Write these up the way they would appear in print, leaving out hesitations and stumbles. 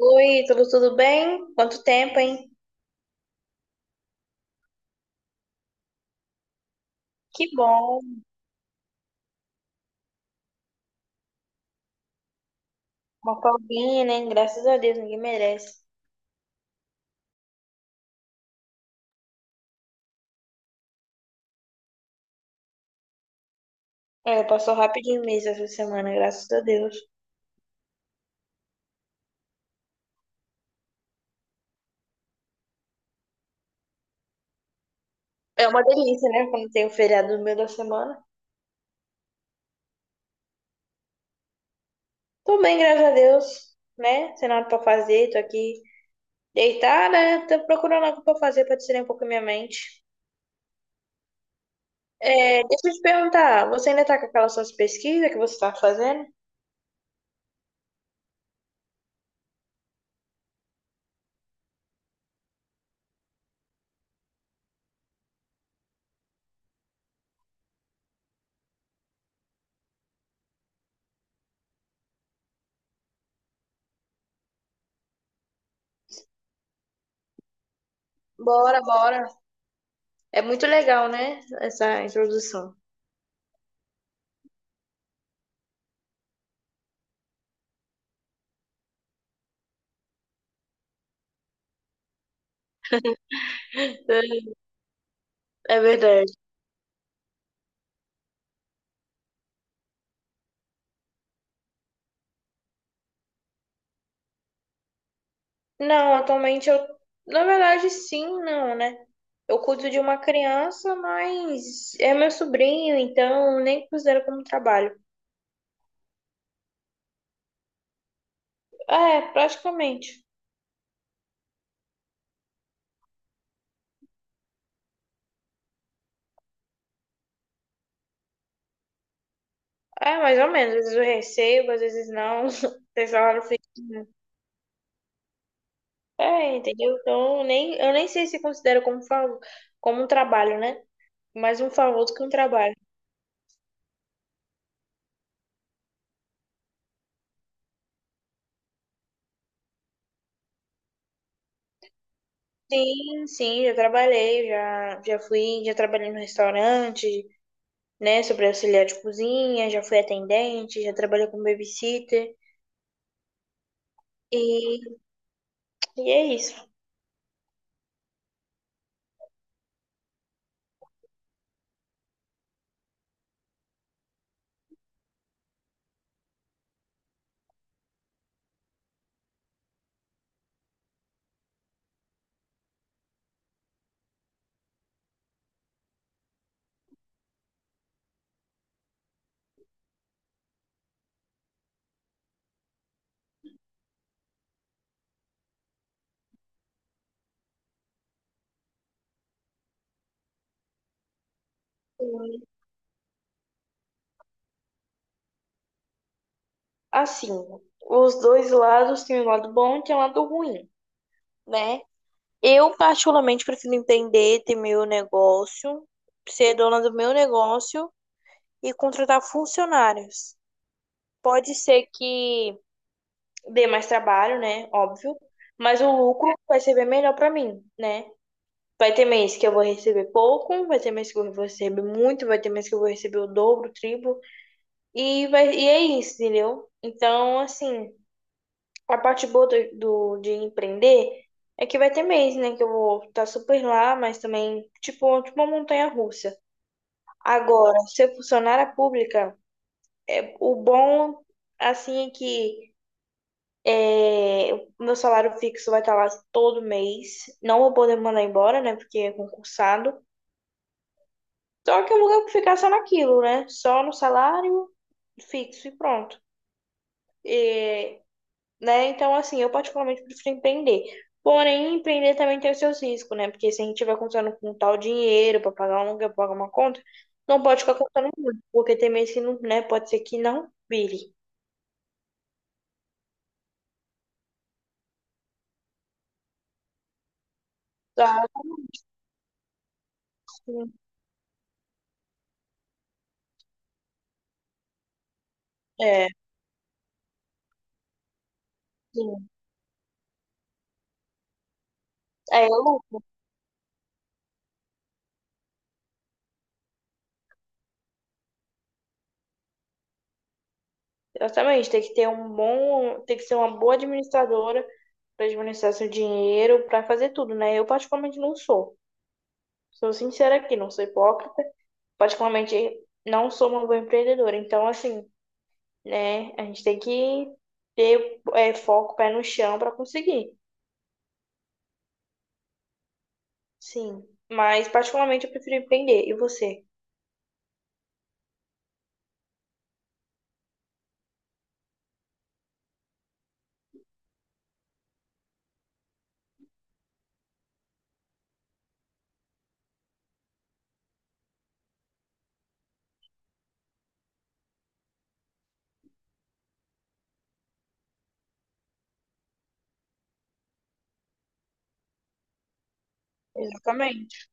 Oi, tudo bem? Quanto tempo, hein? Que bom. Uma folguinha, né? Graças a Deus, ninguém merece. É, passou rapidinho mesmo essa semana, graças a Deus. É uma delícia, né? Quando tem o feriado no meio da semana. Tô bem, graças a Deus, né? Sem nada pra fazer, tô aqui deitada, né? Tô procurando algo pra fazer pra tirar um pouco a minha mente. É, deixa eu te perguntar, você ainda tá com aquelas suas pesquisas que você tá fazendo? Bora, bora. É muito legal, né? Essa introdução. É verdade. Não, atualmente eu. Na verdade, sim, não, né? Eu cuido de uma criança, mas é meu sobrinho, então nem considero como trabalho. É, praticamente. É, mais ou menos. Às vezes eu recebo, às vezes não. Tem salário fixo. É, entendeu? Então, nem, eu nem sei se considero como, favor, como um trabalho, né? Mais um favor do que um trabalho. Sim, já trabalhei, já, já fui, já trabalhei no restaurante, né? Sobre auxiliar de cozinha, já fui atendente, já trabalhei como babysitter. E, e é isso. Assim, os dois lados têm um lado bom e tem um lado ruim, né? Eu, particularmente, prefiro empreender, ter meu negócio, ser dona do meu negócio e contratar funcionários. Pode ser que dê mais trabalho, né? Óbvio, mas o lucro vai ser bem melhor para mim, né? Vai ter mês que eu vou receber pouco, vai ter mês que eu vou receber muito, vai ter mês que eu vou receber o dobro, o triplo, e, vai, e é isso, entendeu? Então, assim, a parte boa do, do- de empreender é que vai ter mês, né, que eu vou estar super lá, mas também, tipo uma montanha-russa. Agora, ser funcionária pública, é, o bom, assim, é que é, o meu salário fixo vai estar lá todo mês, não vou poder mandar embora, né, porque é concursado. Só que eu nunca vou ficar só naquilo, né? Só no salário fixo e pronto. E, né? Então, assim, eu particularmente prefiro empreender. Porém, empreender também tem os seus riscos, né? Porque se a gente estiver contando com tal dinheiro para pagar um aluguel, pra pagar uma conta, não pode ficar contando muito, porque tem mês que não, né? Pode ser que não vire. Só assim, é, sim. É, lucro. Exatamente, tem que ter um bom, tem que ser uma boa administradora para administrar seu dinheiro, para fazer tudo, né? Eu particularmente não sou. Sou sincera aqui, não sou hipócrita. Particularmente, não sou uma boa empreendedora. Então, assim, né, a gente tem que ter é, foco, pé no chão para conseguir. Sim. Mas, particularmente, eu prefiro empreender. E você? Exatamente.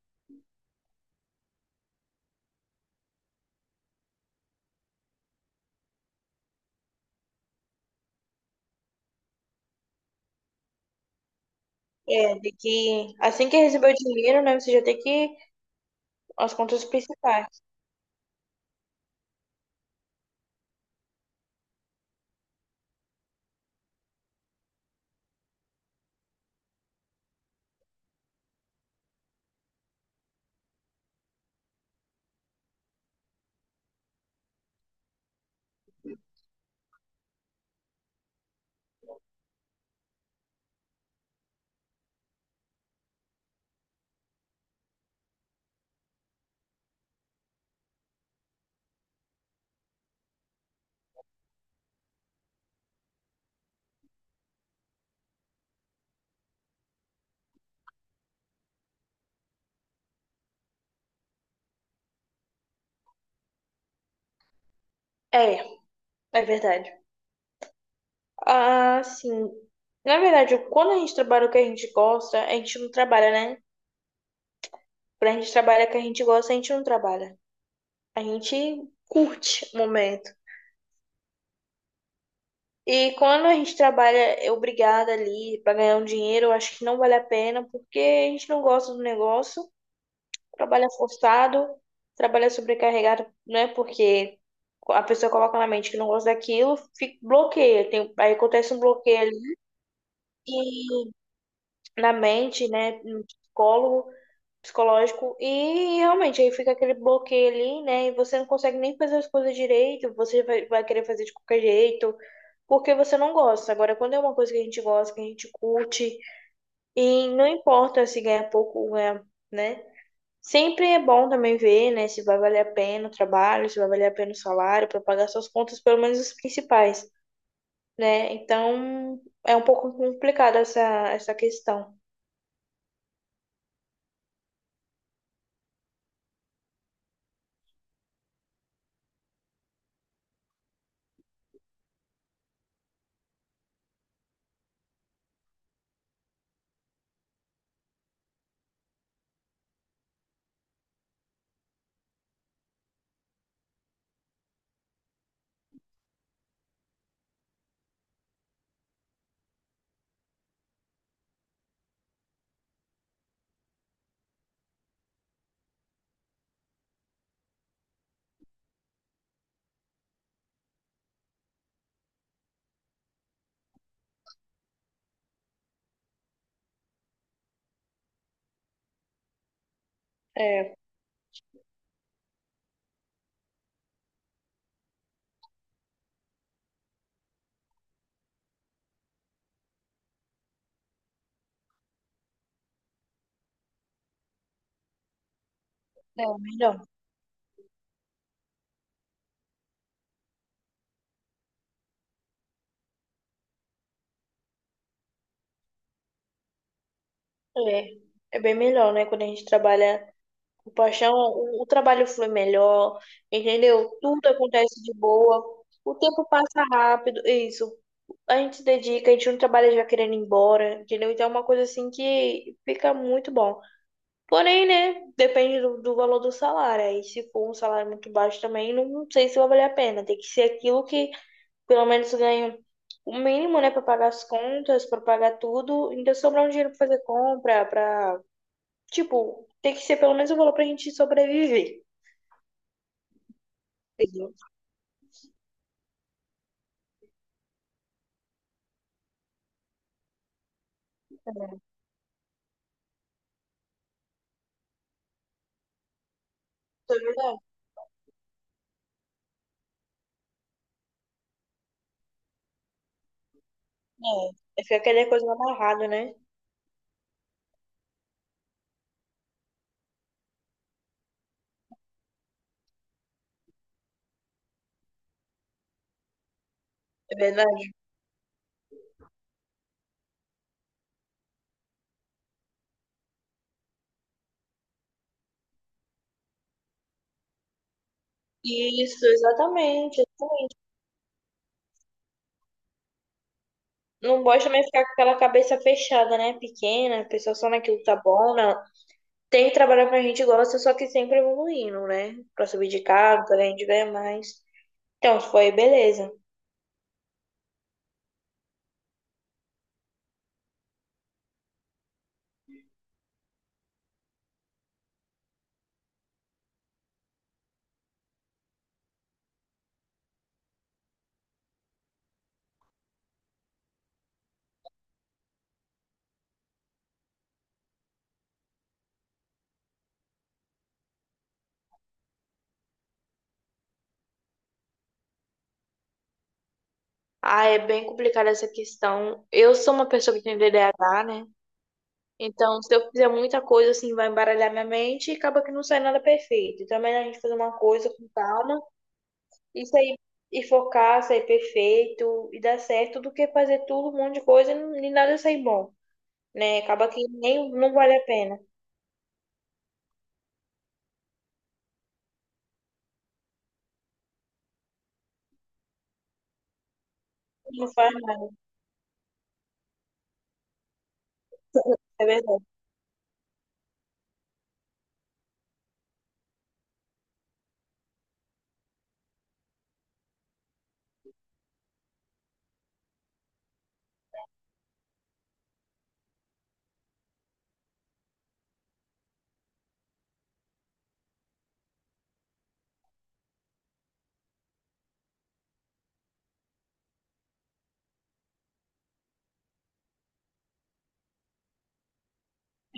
É, de que assim que receber o dinheiro, né, você já tem que as contas principais. É, é verdade. Ah, sim. Na verdade, quando a gente trabalha o que a gente gosta, a gente não trabalha, né? Quando a gente trabalha o que a gente gosta, a gente não trabalha. A gente curte o momento. E quando a gente trabalha é obrigada ali para ganhar um dinheiro, eu acho que não vale a pena, porque a gente não gosta do negócio, trabalha forçado, trabalha sobrecarregado, né? Porque a pessoa coloca na mente que não gosta daquilo, fica, bloqueia. Tem, aí acontece um bloqueio ali e, na mente, né? No psicólogo, psicológico, e realmente aí fica aquele bloqueio ali, né? E você não consegue nem fazer as coisas direito, você vai, vai querer fazer de qualquer jeito. Porque você não gosta. Agora, quando é uma coisa que a gente gosta, que a gente curte, e não importa se ganha pouco ou ganha, né? Sempre é bom também ver, né, se vai valer a pena o trabalho, se vai valer a pena o salário, para pagar suas contas, pelo menos as principais, né? Então, é um pouco complicada essa, essa questão. É, é melhor. É, é bem melhor, né? Quando a gente trabalha com paixão, o trabalho flui melhor, entendeu? Tudo acontece de boa, o tempo passa rápido, é isso. A gente se dedica, a gente não trabalha já querendo ir embora, entendeu? Então é uma coisa assim que fica muito bom. Porém, né? Depende do, do valor do salário. Aí se for um salário muito baixo também, não sei se vai valer a pena. Tem que ser aquilo que pelo menos ganho o mínimo, né, para pagar as contas, para pagar tudo, ainda sobrar um dinheiro para fazer compra, para, tipo, tem que ser pelo menos o valor pra gente sobreviver. Entendeu? É, é verdade. É, fica aquela coisa amarrada, né? É verdade. Isso, exatamente. Não gosta também ficar com aquela cabeça fechada, né? Pequena, pensar só naquilo que tá bom, não. Tem que trabalhar pra gente gosta, só que sempre evoluindo, né? Pra subir de cargo, pra gente ganhar mais. Então, foi beleza. Ah, é bem complicada essa questão. Eu sou uma pessoa que tem D D a DDAH, né? Então, se eu fizer muita coisa, assim, vai embaralhar minha mente e acaba que não sai nada perfeito. Então, é melhor a gente fazer uma coisa com calma e sair e focar, sair perfeito e dar certo do que fazer tudo, um monte de coisa e não- e nada sair bom, né? Acaba que nem não vale a pena. Não faz nada, é verdade.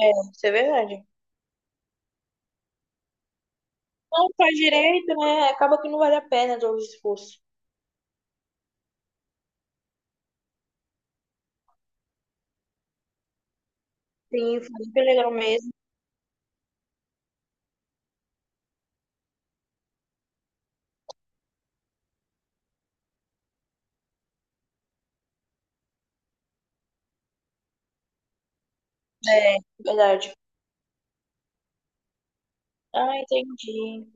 É, isso é verdade. Não faz direito, né? Acaba que não vale a pena todo o esforço. Sim, foi muito legal mesmo. É, verdade. Ah, entendi.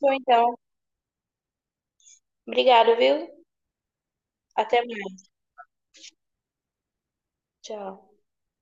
Bom, então, obrigado, viu? Até mais. Tchau.